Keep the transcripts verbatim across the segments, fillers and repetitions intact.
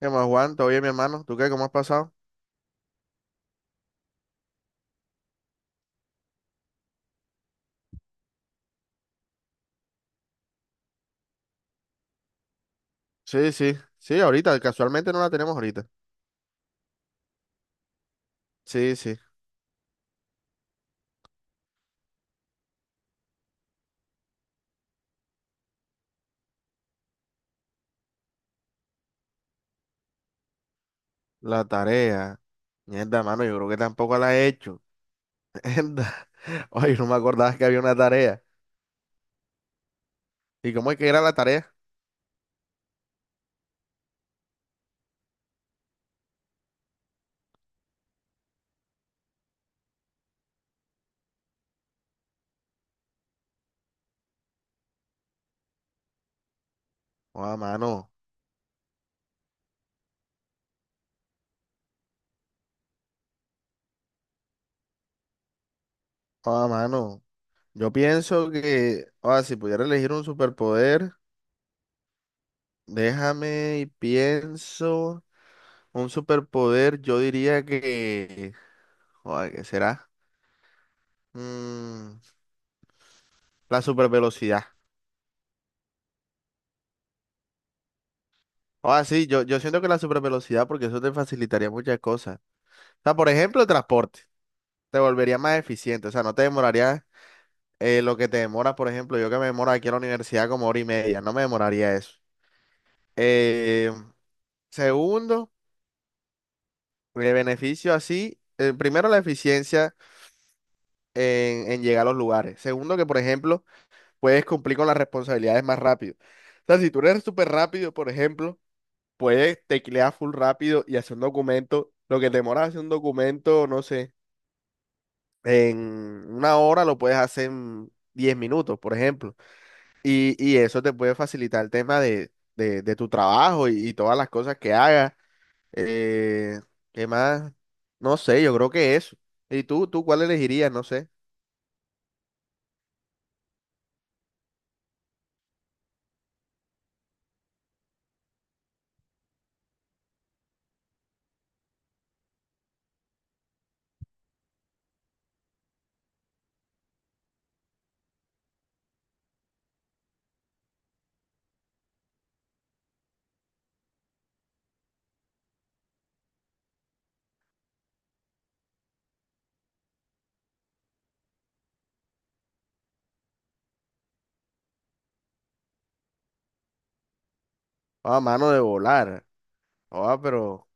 ¿Qué más, Juan? ¿Todo bien, mi hermano? ¿Tú qué? ¿Cómo has pasado? Sí, sí, sí, ahorita, casualmente no la tenemos ahorita. Sí, sí, la tarea. Mierda, mano, yo creo que tampoco la he hecho. Mierda. Ay, no me acordaba que había una tarea. ¿Y cómo es que era la tarea? Oh, mano, oh, mano. Yo pienso que, oh, si pudiera elegir un superpoder, déjame y pienso. Un superpoder, yo diría que, oh, ¿qué será? Mm, la supervelocidad. Ah, sí, yo, yo siento que la supervelocidad, porque eso te facilitaría muchas cosas. O sea, por ejemplo, el transporte. Te volvería más eficiente. O sea, no te demoraría eh, lo que te demora. Por ejemplo, yo que me demoro aquí a la universidad como hora y media. No me demoraría eso. Eh, segundo, el beneficio así. Eh, primero, la eficiencia en, en llegar a los lugares. Segundo, que por ejemplo, puedes cumplir con las responsabilidades más rápido. O sea, si tú eres súper rápido, por ejemplo, puedes teclear full rápido y hacer un documento. Lo que te demoras hacer un documento, no sé, en una hora lo puedes hacer en diez minutos, por ejemplo. Y, y eso te puede facilitar el tema de, de- de tu trabajo y, y todas las cosas que hagas. Eh, ¿qué más? No sé, yo creo que eso. ¿Y tú, tú cuál elegirías? No sé. Ah, mano, de volar. Ah, pero,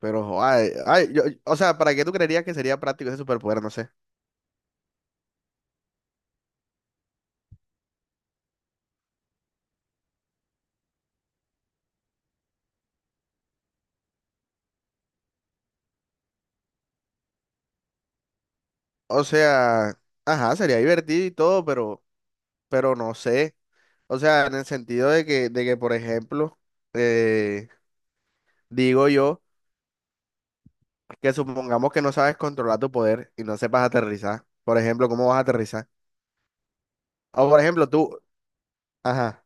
pero, joa, eh, ay, yo- o sea, ¿para qué tú creerías que sería práctico ese superpoder? No sé. O sea, ajá, sería divertido y todo, pero pero no sé. O sea, en el sentido de que, de que por ejemplo, eh, digo yo que supongamos que no sabes controlar tu poder y no sepas aterrizar. Por ejemplo, ¿cómo vas a aterrizar? O por ejemplo, tú, ajá.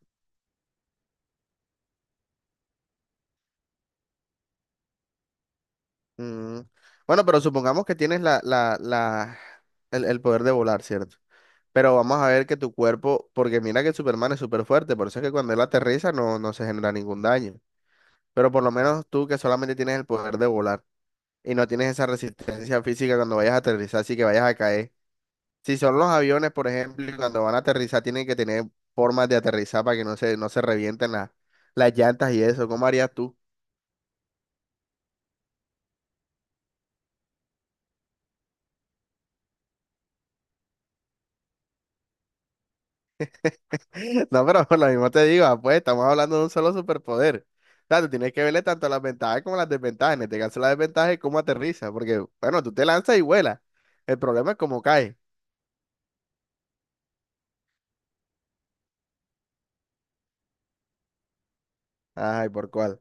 mm, Bueno, pero supongamos que tienes la, la, la, el, el poder de volar, ¿cierto? Pero vamos a ver que tu cuerpo, porque mira que Superman es súper fuerte, por eso es que cuando él aterriza no, no se genera ningún daño. Pero por lo menos tú que solamente tienes el poder de volar, y no tienes esa resistencia física cuando vayas a aterrizar, así que vayas a caer. Si son los aviones, por ejemplo, y cuando van a aterrizar, tienen que tener formas de aterrizar para que no se, no se revienten las, las llantas y eso. ¿Cómo harías tú? No, pero por lo mismo te digo, ah, pues estamos hablando de un solo superpoder. O sea, tú tienes que verle tanto las ventajas como las desventajas. En este caso, la desventaja es cómo aterriza, porque, bueno, tú te lanzas y vuelas. El problema es cómo cae. Ay, ¿por cuál?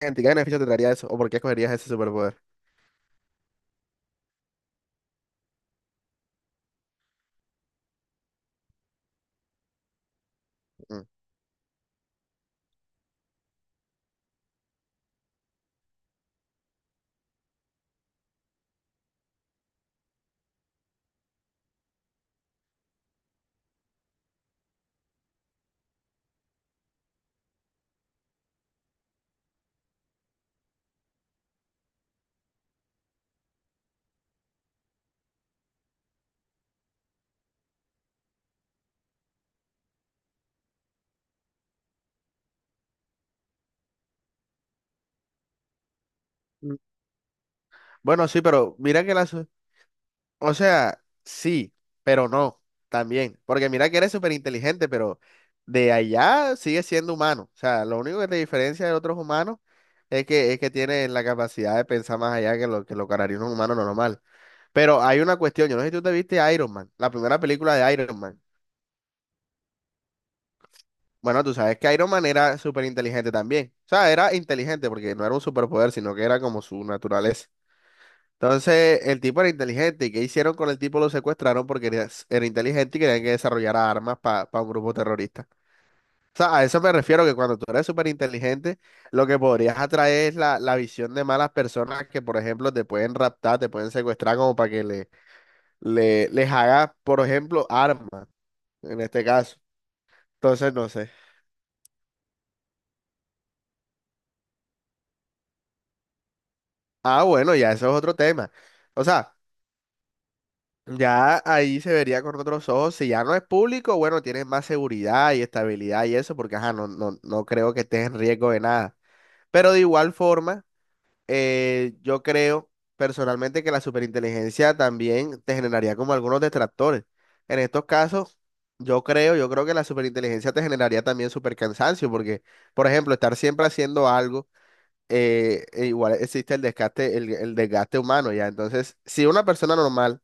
¿En ti qué beneficio te traería eso? ¿O por qué escogerías ese superpoder? Mm. Bueno, sí, pero mira que las, o sea, sí, pero no, también. Porque mira que eres súper inteligente, pero de allá sigues siendo humano. O sea, lo único que te diferencia de otros humanos es que, es que tienes la capacidad de pensar más allá que lo que lo que haría un humano normal. Pero hay una cuestión, yo no sé si tú te viste Iron Man, la primera película de Iron Man. Bueno, tú sabes que Iron Man era súper inteligente también. O sea, era inteligente porque no era un superpoder, sino que era como su naturaleza. Entonces, el tipo era inteligente. ¿Y qué hicieron con el tipo? Lo secuestraron porque era, era inteligente y querían que desarrollara armas para un grupo terrorista. O sea, a eso me refiero, que cuando tú eres súper inteligente, lo que podrías atraer es la, la visión de malas personas que, por ejemplo, te pueden raptar, te pueden secuestrar como para que le, le, les hagas, por ejemplo, armas, en este caso. Entonces, no sé. Ah, bueno, ya eso es otro tema. O sea, ya ahí se vería con otros ojos. Si ya no es público, bueno, tienes más seguridad y estabilidad y eso, porque ajá, no, no, no creo que estés en riesgo de nada. Pero de igual forma, eh, yo creo personalmente que la superinteligencia también te generaría como algunos detractores. En estos casos, yo creo, yo creo que la superinteligencia te generaría también supercansancio, porque, por ejemplo, estar siempre haciendo algo, eh, e igual existe el desgaste, el el desgaste humano, ya. Entonces, si una persona normal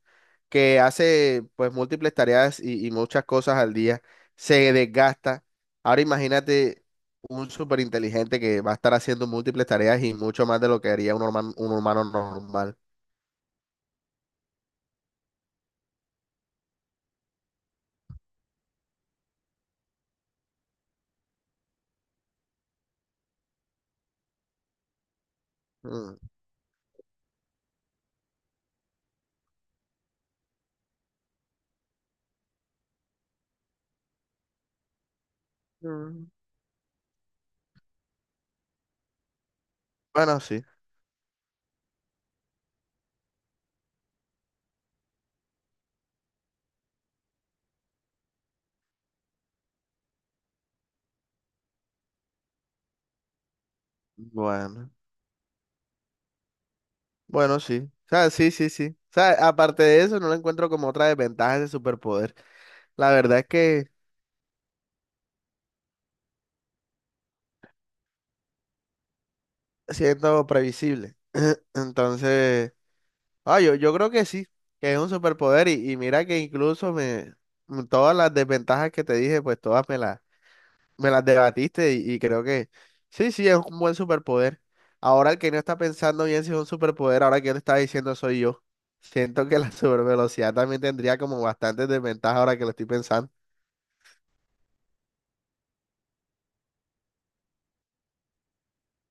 que hace pues múltiples tareas y, y muchas cosas al día, se desgasta. Ahora imagínate un súper inteligente que va a estar haciendo múltiples tareas y mucho más de lo que haría un, norma- un humano normal. Mm, mm, Bueno, sí. Bueno, bueno, sí. O sea, sí, sí, sí. O sea, aparte de eso, no lo encuentro como otra desventaja de superpoder. La verdad es que siendo previsible. Entonces... Ah, yo, yo creo que sí, que es un superpoder y, y mira que incluso me m- todas las desventajas que te dije, pues todas me las me las debatiste y, y creo que sí, sí, es un buen superpoder. Ahora el que no está pensando bien si es un superpoder, ahora que yo te estaba diciendo soy yo. Siento que la supervelocidad también tendría como bastantes desventajas ahora que lo estoy pensando.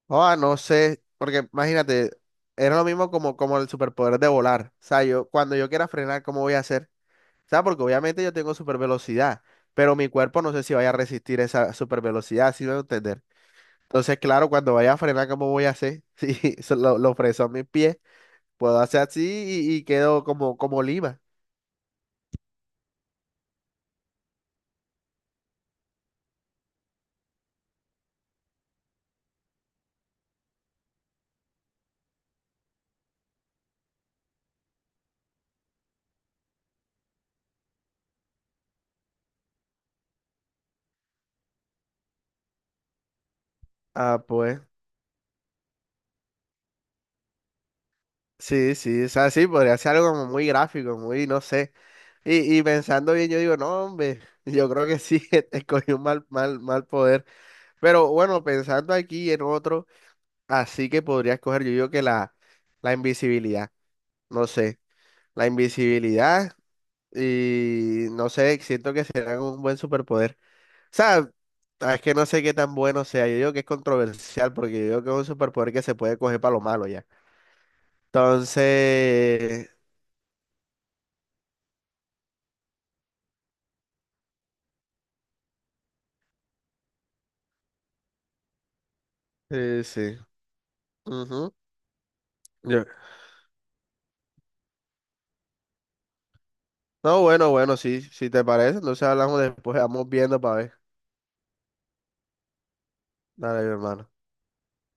Ah, no sé, porque imagínate, era lo mismo como, como el superpoder de volar. O sea, yo cuando yo quiera frenar, ¿cómo voy a hacer? O sea, porque obviamente yo tengo super velocidad, pero mi cuerpo no sé si vaya a resistir esa super velocidad, si me voy a entender. Entonces, claro, cuando vaya a frenar, ¿cómo voy a hacer? Si so- lo, lo freso a mis pies, puedo hacer así y, y quedo como, como Lima. Ah, pues sí, sí, o sea, sí, podría ser algo como muy gráfico, muy, no sé. Y, y pensando bien, yo digo, no, hombre, yo creo que sí, escogí un mal, mal, mal poder. Pero bueno, pensando aquí en otro, así que podría escoger, yo digo que la, la invisibilidad, no sé. La invisibilidad y no sé, siento que será un buen superpoder. O sea, ah, es que no sé qué tan bueno sea. Yo digo que es controversial porque yo digo que es un superpoder que se puede coger para lo malo ya. Entonces, sí, sí. Ujú, yo- no, bueno, bueno, sí, si te parece, entonces hablamos después, vamos viendo para ver. Dale, mi hermano.